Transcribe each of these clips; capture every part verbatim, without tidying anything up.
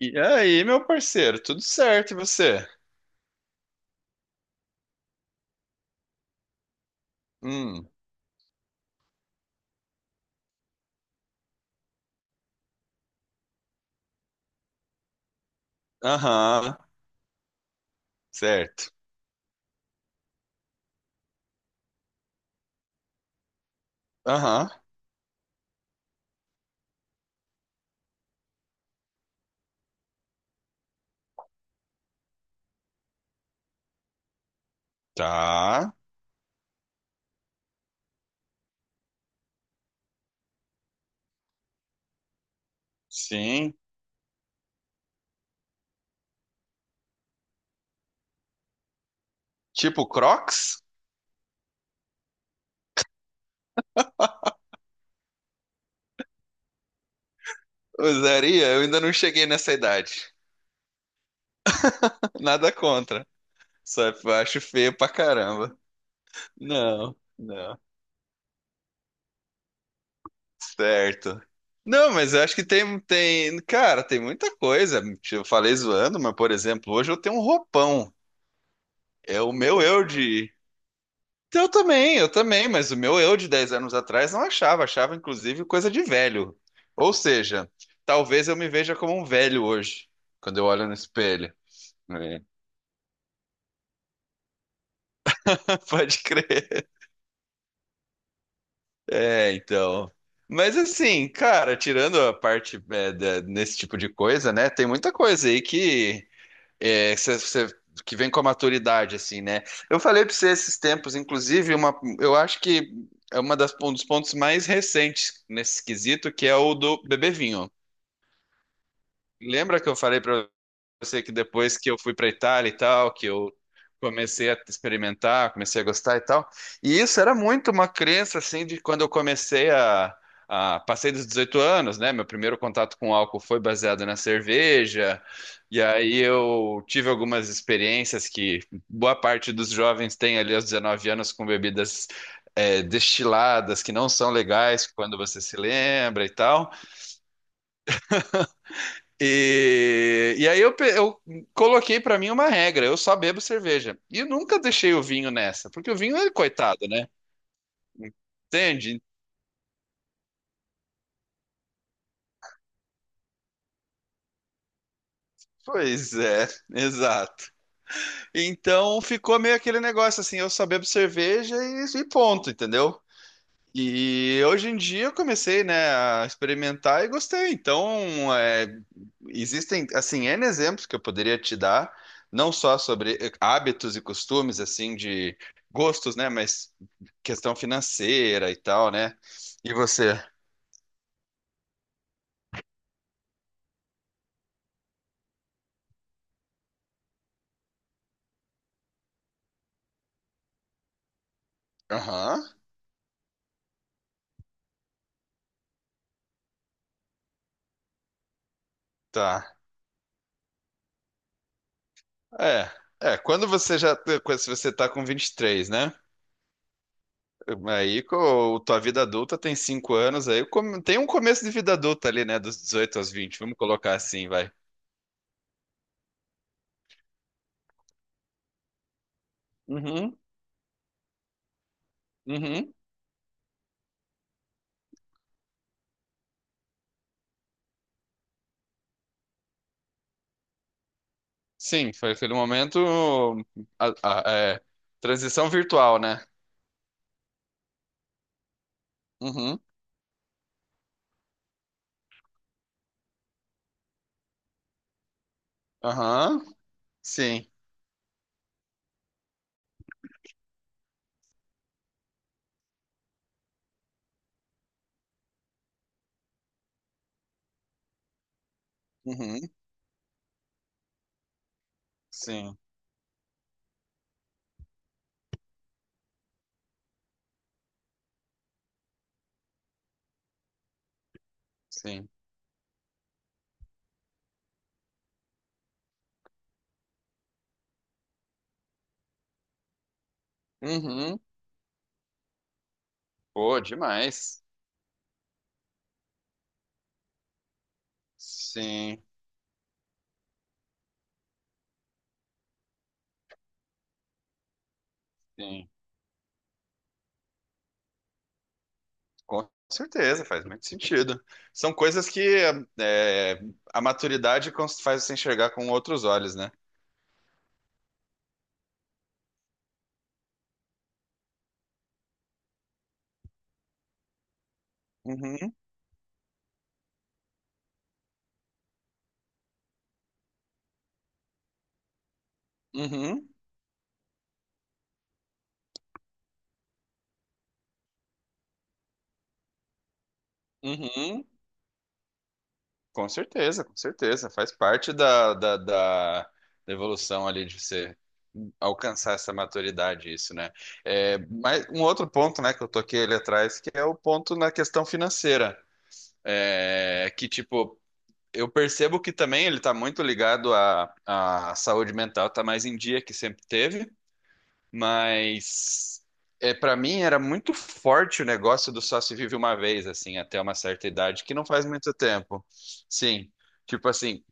E aí, meu parceiro, tudo certo e você? Hum, aham, certo. Aham, tá, sim. Tipo Crocs? Usaria? Eu ainda não cheguei nessa idade. Nada contra. Só que eu acho feio pra caramba. Não, não. Certo. Não, mas eu acho que tem, tem, cara, tem muita coisa. Eu falei zoando, mas, por exemplo, hoje eu tenho um roupão. É o meu eu de Eu também, eu também, mas o meu eu de dez anos atrás não achava, achava inclusive coisa de velho. Ou seja, talvez eu me veja como um velho hoje, quando eu olho no espelho. É. Pode crer. É, então. Mas assim, cara, tirando a parte é, da- nesse tipo de coisa, né? Tem muita coisa aí que É, que você- você- que vem com a maturidade, assim, né? Eu falei pra você esses tempos, inclusive, uma, eu acho que é uma das, um dos pontos mais recentes nesse quesito, que é o do beber vinho. Lembra que eu falei pra Eu sei que depois que eu fui para Itália e tal, que eu comecei a experimentar, comecei a gostar e tal. E isso era muito uma crença assim de quando eu comecei a, a passei dos dezoito anos, né? Meu primeiro contato com álcool foi baseado na cerveja. E aí eu tive algumas experiências que boa parte dos jovens tem ali aos dezenove anos com bebidas eh, destiladas que não são legais quando você se lembra e tal. E, e aí eu, pe- eu coloquei pra mim uma regra, eu só bebo cerveja. E eu nunca deixei o vinho nessa, porque o vinho é coitado, né? Entende? Pois é, exato. Então ficou meio aquele negócio assim, eu só bebo cerveja e, e ponto, entendeu? E hoje em dia eu comecei, né, a experimentar e gostei. Então, é, existem, assim, N exemplos que eu poderia te dar, não só sobre hábitos e costumes, assim, de gostos, né, mas questão financeira e tal, né? E você? Aham, tá. É, é, quando você já, quando se você tá com vinte e três, né? Aí, com tua vida adulta tem cinco anos, aí come- tem um começo de vida adulta ali, né, dos dezoito aos vinte. Vamos colocar assim, vai. Uhum. Uhum. Sim, foi aquele momento. a- a- é, Transição virtual, né? Uhum. Aham. Sim. Uhum. Sim. Sim. Uhum. Pô, demais. Sim, sim. Com certeza, faz muito sentido. São coisas que é, a maturidade cons- faz você enxergar com outros olhos, né? Uhum. Uhum. Uhum. Com certeza, com certeza. Faz parte da, da, da- da evolução ali de você alcançar essa maturidade, isso, né? É, mas um outro ponto, né, que eu toquei ali atrás, que é o ponto na questão financeira. É que, tipo, eu percebo que também ele tá muito ligado à, à saúde mental, tá mais em dia que sempre teve, mas é, para mim era muito forte o negócio do só se vive uma vez, assim, até uma certa idade, que não faz muito tempo. Sim. Tipo assim,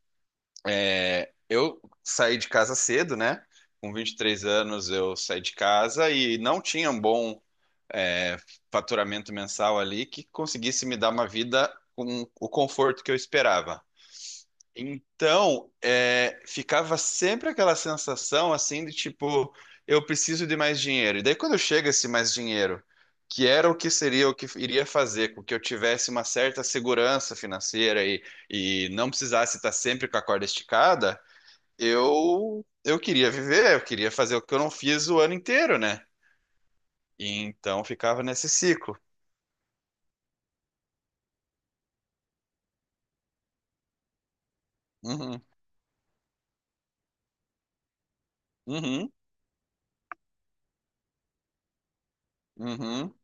é, eu saí de casa cedo, né? Com vinte e três anos eu saí de casa e não tinha um bom é, faturamento mensal ali que conseguisse me dar uma vida com o conforto que eu esperava. Então, é, ficava sempre aquela sensação assim de tipo, eu preciso de mais dinheiro. E daí quando chega esse mais dinheiro, que era o que seria o que iria fazer com que eu tivesse uma certa segurança financeira e, e não precisasse estar sempre com a corda esticada, eu eu queria viver, eu queria fazer o que eu não fiz o ano inteiro, né? E então ficava nesse ciclo. Uhum, uhum, uhum,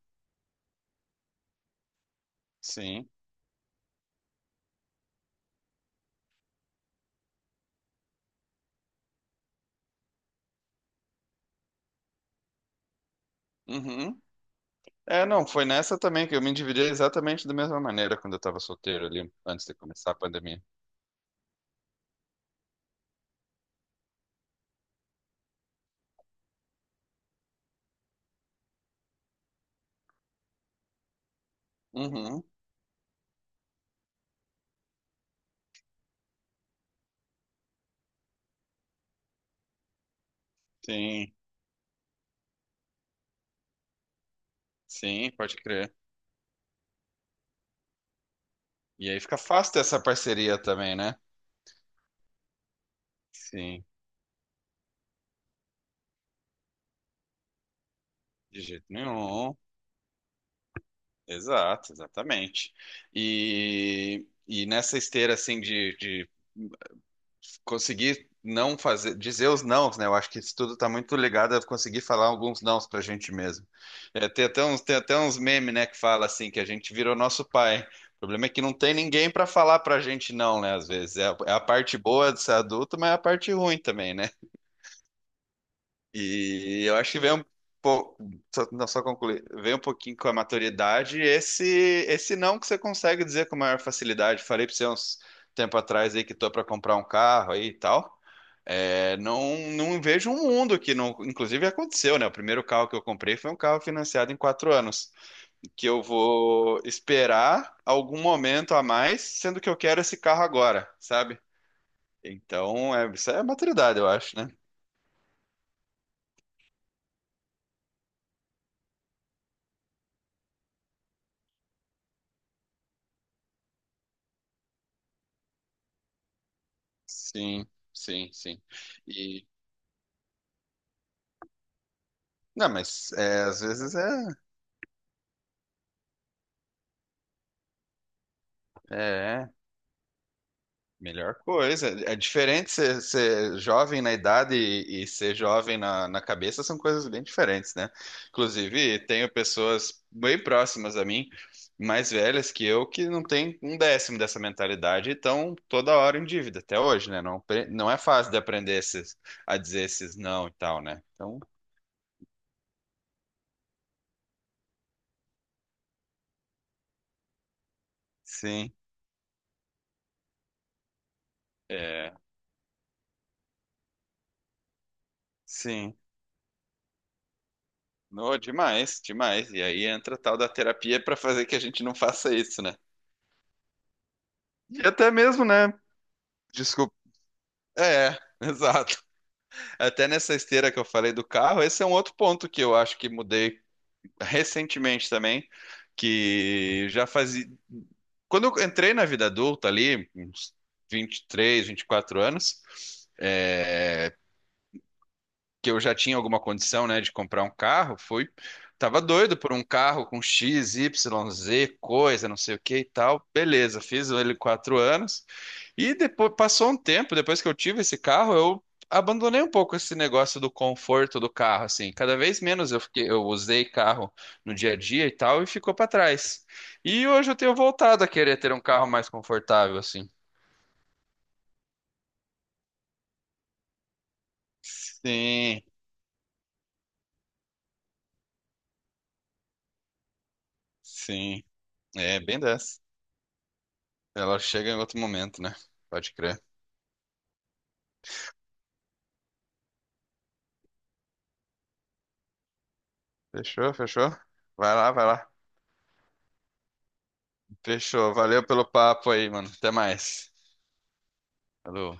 sim, uhum. É, não, foi nessa também que eu me endividei exatamente da mesma maneira quando eu estava solteiro ali, antes de começar a pandemia. Uhum, sim, sim, pode crer. E aí fica fácil ter essa parceria também, né? Sim, de jeito nenhum. Exato, exatamente. E, e nessa esteira assim de, de conseguir não fazer, dizer os nãos, né? Eu acho que isso tudo tá muito ligado a conseguir falar alguns nãos pra gente mesmo. É, tem até uns, tem até uns memes, né, que fala assim, que a gente virou nosso pai. O problema é que não tem ninguém pra falar pra gente não, né? Às vezes é, a é a parte boa de ser adulto, mas é a parte ruim também, né? E eu acho que vem um pouco, só, não, só concluir, vem um pouquinho com a maturidade, esse esse não que você consegue dizer com maior facilidade. Falei para você uns tempo atrás aí que tô para comprar um carro aí e tal. É, não, não vejo um mundo que não, inclusive aconteceu, né? O primeiro carro que eu comprei foi um carro financiado em quatro anos, que eu vou esperar algum momento a mais, sendo que eu quero esse carro agora, sabe? Então, é, isso é maturidade, eu acho, né? Sim, sim, sim. E não, mas é, às vezes é, é melhor coisa. É diferente ser, ser jovem na idade e, e ser jovem na, na cabeça são coisas bem diferentes, né? Inclusive, tenho pessoas bem próximas a mim, mais velhas que eu, que não têm um décimo dessa mentalidade e estão toda hora em dívida, até hoje, né? Não, pre- não é fácil de aprender esses, a dizer esses não e tal, né? Então, sim, é, sim. No, demais, demais. E aí entra a tal da terapia pra fazer que a gente não faça isso, né? E até mesmo, né? Desculpa. É, exato. Até nessa esteira que eu falei do carro, esse é um outro ponto que eu acho que mudei recentemente também, que já fazia. Quando eu entrei na vida adulta ali, uns vinte e três, vinte e quatro anos, que eu já tinha alguma condição, né, de comprar um carro, foi, tava doido por um carro com X, Y, Z, coisa, não sei o que e tal. Beleza, fiz ele quatro anos e depois passou um tempo, depois que eu tive esse carro, eu abandonei um pouco esse negócio do conforto do carro, assim. Cada vez menos eu fiquei, eu usei carro no dia a dia e tal e ficou para trás. E hoje eu tenho voltado a querer ter um carro mais confortável, assim. Sim, sim. É bem dessa. Ela chega em outro momento, né? Pode crer. Fechou, fechou? Vai lá, vai lá. Fechou. Valeu pelo papo aí, mano. Até mais. Falou.